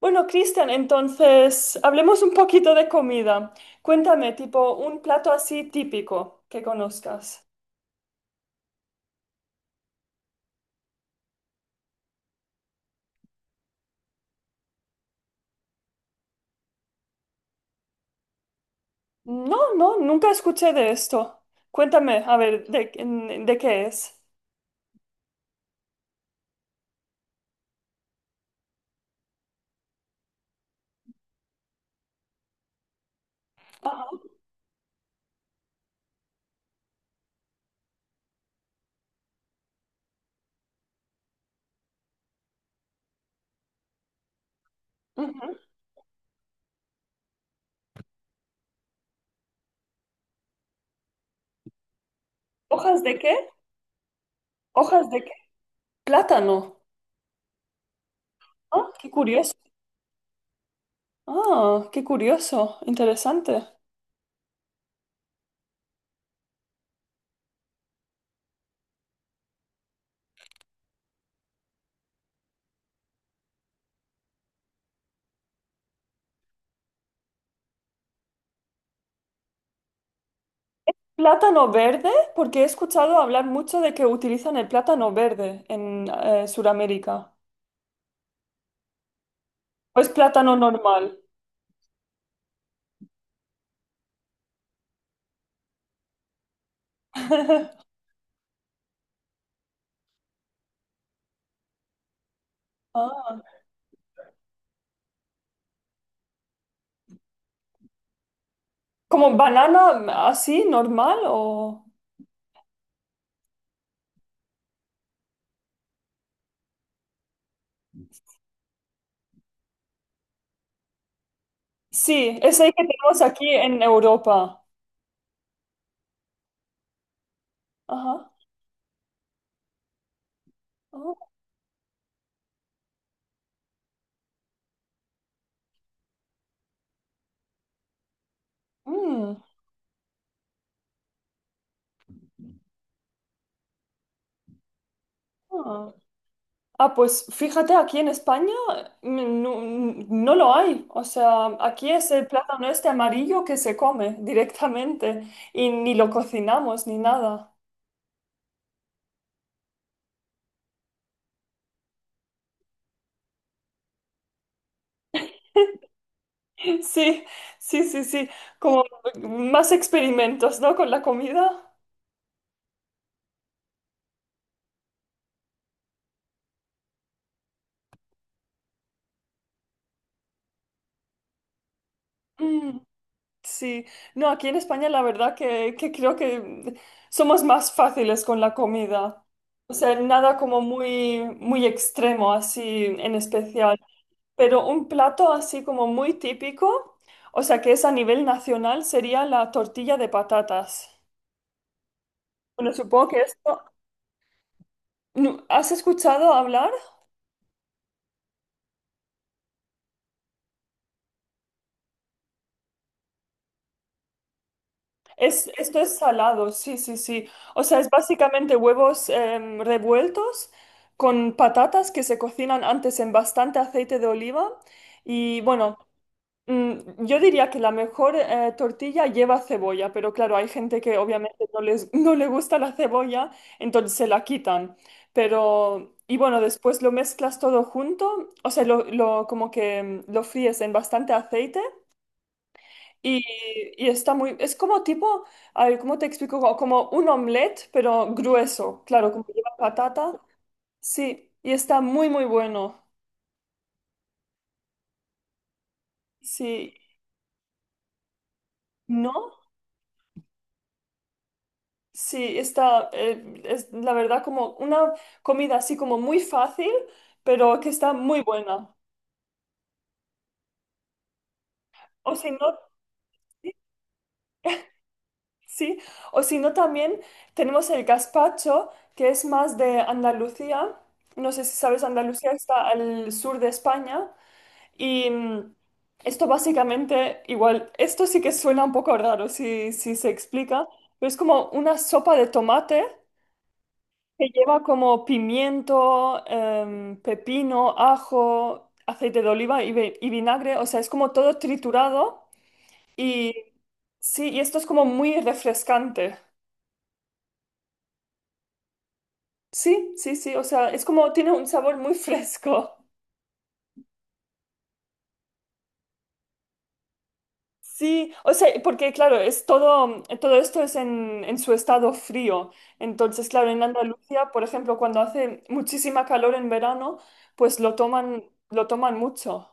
Bueno, Cristian, entonces hablemos un poquito de comida. Cuéntame, tipo, un plato así típico que conozcas. No, no, nunca escuché de esto. Cuéntame, a ver, ¿ de qué es? Ajá, ujú. ¿Hojas de qué? ¿Hojas de qué? Plátano. Ah, qué curioso. Ah, qué curioso, interesante. ¿Plátano verde? Porque he escuchado hablar mucho de que utilizan el plátano verde en Sudamérica. ¿O es plátano normal? Ah. ¿Como banana así, normal o...? Sí, es el que tenemos aquí en Europa. Ajá. Oh, mm, ah. Ah, pues fíjate, aquí en España no, no lo hay. O sea, aquí es el plátano este amarillo que se come directamente y ni lo cocinamos ni nada. Sí, sí, sí, sí. Como más experimentos, ¿no? Con la comida. Mm. Sí, no, aquí en España la verdad que creo que. Somos más fáciles con la comida. O sea, nada como muy, muy extremo así en especial. Pero un plato así como muy típico, o sea, que es a nivel nacional, sería la tortilla de patatas. Bueno, supongo que esto... ¿Has escuchado hablar? Es, esto es salado, sí, sí, sí. O sea, es básicamente huevos revueltos con patatas que se cocinan antes en bastante aceite de oliva. Y bueno, yo diría que la mejor tortilla lleva cebolla, pero claro, hay gente que obviamente no les, no le gusta la cebolla, entonces se la quitan. Pero, y bueno, después lo mezclas todo junto, o sea, como que, lo fríes en bastante aceite y, y está muy, es como tipo, a ver, ¿cómo te explico? Como, como un omelette, pero grueso, claro, como lleva patata. Sí, y está muy, muy bueno. Sí, ¿no? Sí, está, es la verdad como una comida así como muy fácil, pero que está muy buena. O si no, sí, sí. O si no también tenemos el gazpacho, que es más de Andalucía. No sé si sabes, Andalucía está al sur de España. Y esto básicamente, igual, esto sí que suena un poco raro si se explica, pero es como una sopa de tomate que lleva como pimiento, pepino, ajo, aceite de oliva y, y vinagre, o sea, es como todo triturado y sí, y esto es como muy refrescante. Sí, sí, sí, o sea, es como tiene un sabor muy fresco. Sí, o sea, porque claro, es todo, todo esto es en su estado frío. Entonces, claro, en Andalucía, por ejemplo, cuando hace muchísima calor en verano, pues lo toman mucho.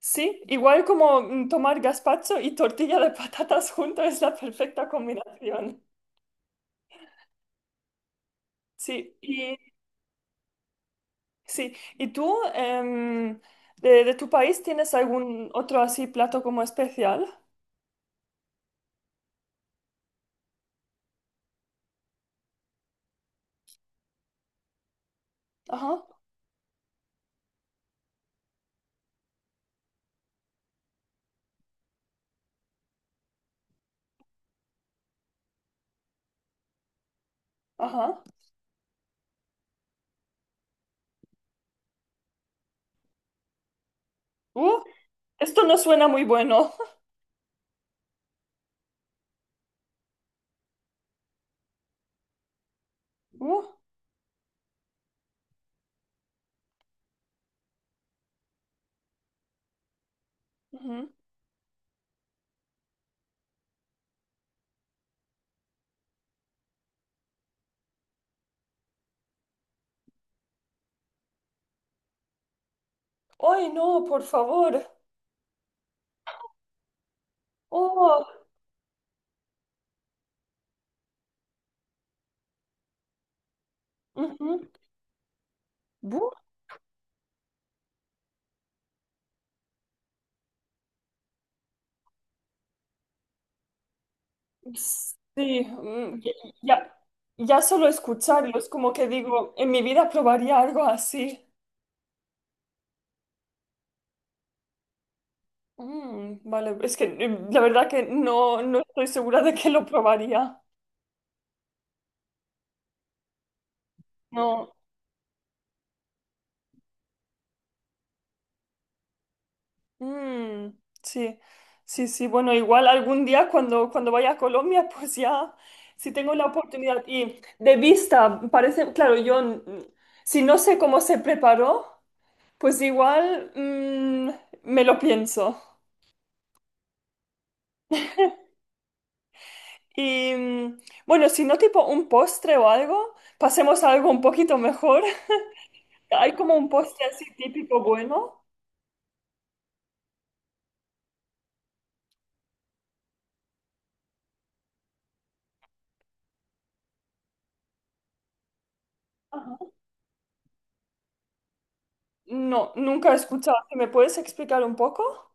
Sí, igual como tomar gazpacho y tortilla de patatas junto es la perfecta combinación. Sí, y sí. ¿Y tú, de tu país, tienes algún otro así plato como especial? Ajá, ajá. Uh, esto no suena muy bueno. Uh, ujú. Ay, no, por favor. Oh, ujú. Bu- Sí, ya, ya ya solo escucharlo es como que digo, en mi vida probaría algo así. Mm, vale, es que la verdad que no, no estoy segura de que lo probaría. No. Mm, sí, sí, sí. Bueno, igual algún día cuando, cuando vaya a Colombia, pues ya, si tengo la oportunidad. Y de vista, parece, claro, yo, si no sé cómo se preparó. Pues igual me lo pienso. Y bueno, si no tipo un postre o algo, pasemos a algo un poquito mejor. ¿Hay como un postre así típico bueno? Ajá. No, nunca he escuchado. ¿Sí? ¿Me puedes explicar un poco?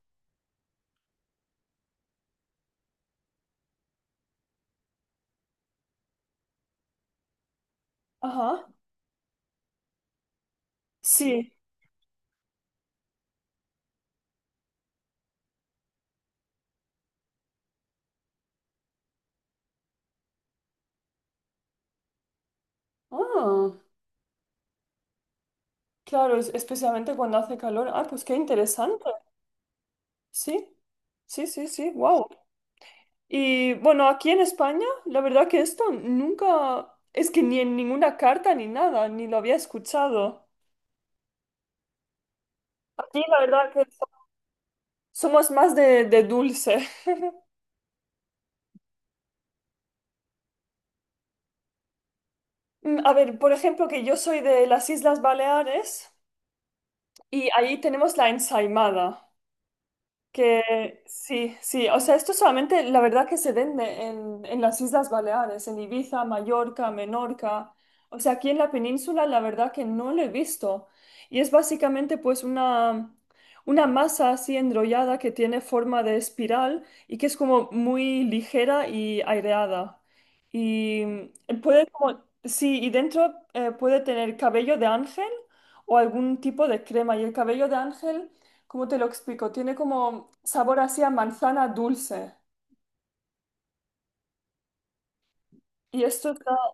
Ajá. Sí. Ah, claro, especialmente cuando hace calor. Ah, pues qué interesante. Sí, sí, sí, sí. Wow. Y bueno, aquí en España, la verdad que esto nunca, es que ni en ninguna carta ni nada, ni lo había escuchado. Aquí la verdad que somos más de dulce. Mm, a ver, por ejemplo, que yo soy de las Islas Baleares y ahí tenemos la ensaimada. Que sí, sí, o sea, esto solamente la verdad que se vende en las Islas Baleares, en Ibiza, Mallorca, Menorca, o sea, aquí en la península la verdad que no lo he visto. Y es básicamente pues una masa así enrollada que tiene forma de espiral y que es como muy ligera y aireada. Y puede como, sí, y dentro puede tener cabello de ángel o algún tipo de crema. Y el cabello de ángel... ¿Cómo te lo explico? Tiene como sabor así a manzana dulce. Y esto está...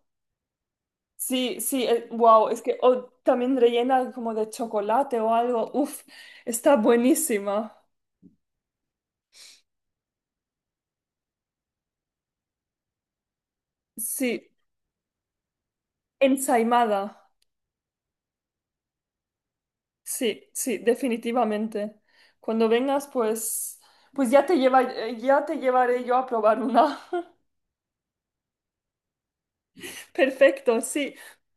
Sí, sí, wow, es que o también rellena como de chocolate o algo. Uf, está buenísima. Sí, ensaimada. Sí, sí, definitivamente. Cuando vengas, pues, pues ya te lleva, ya te llevaré yo a probar una. Perfecto, sí.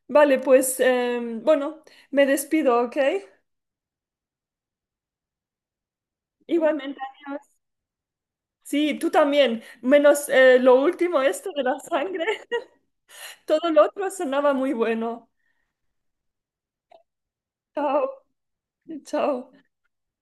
Vale, pues, bueno, me despido, ¿ok? Igualmente. Sí, tú también. Menos lo último, esto de la sangre. Todo lo otro sonaba muy bueno. Chao, chao.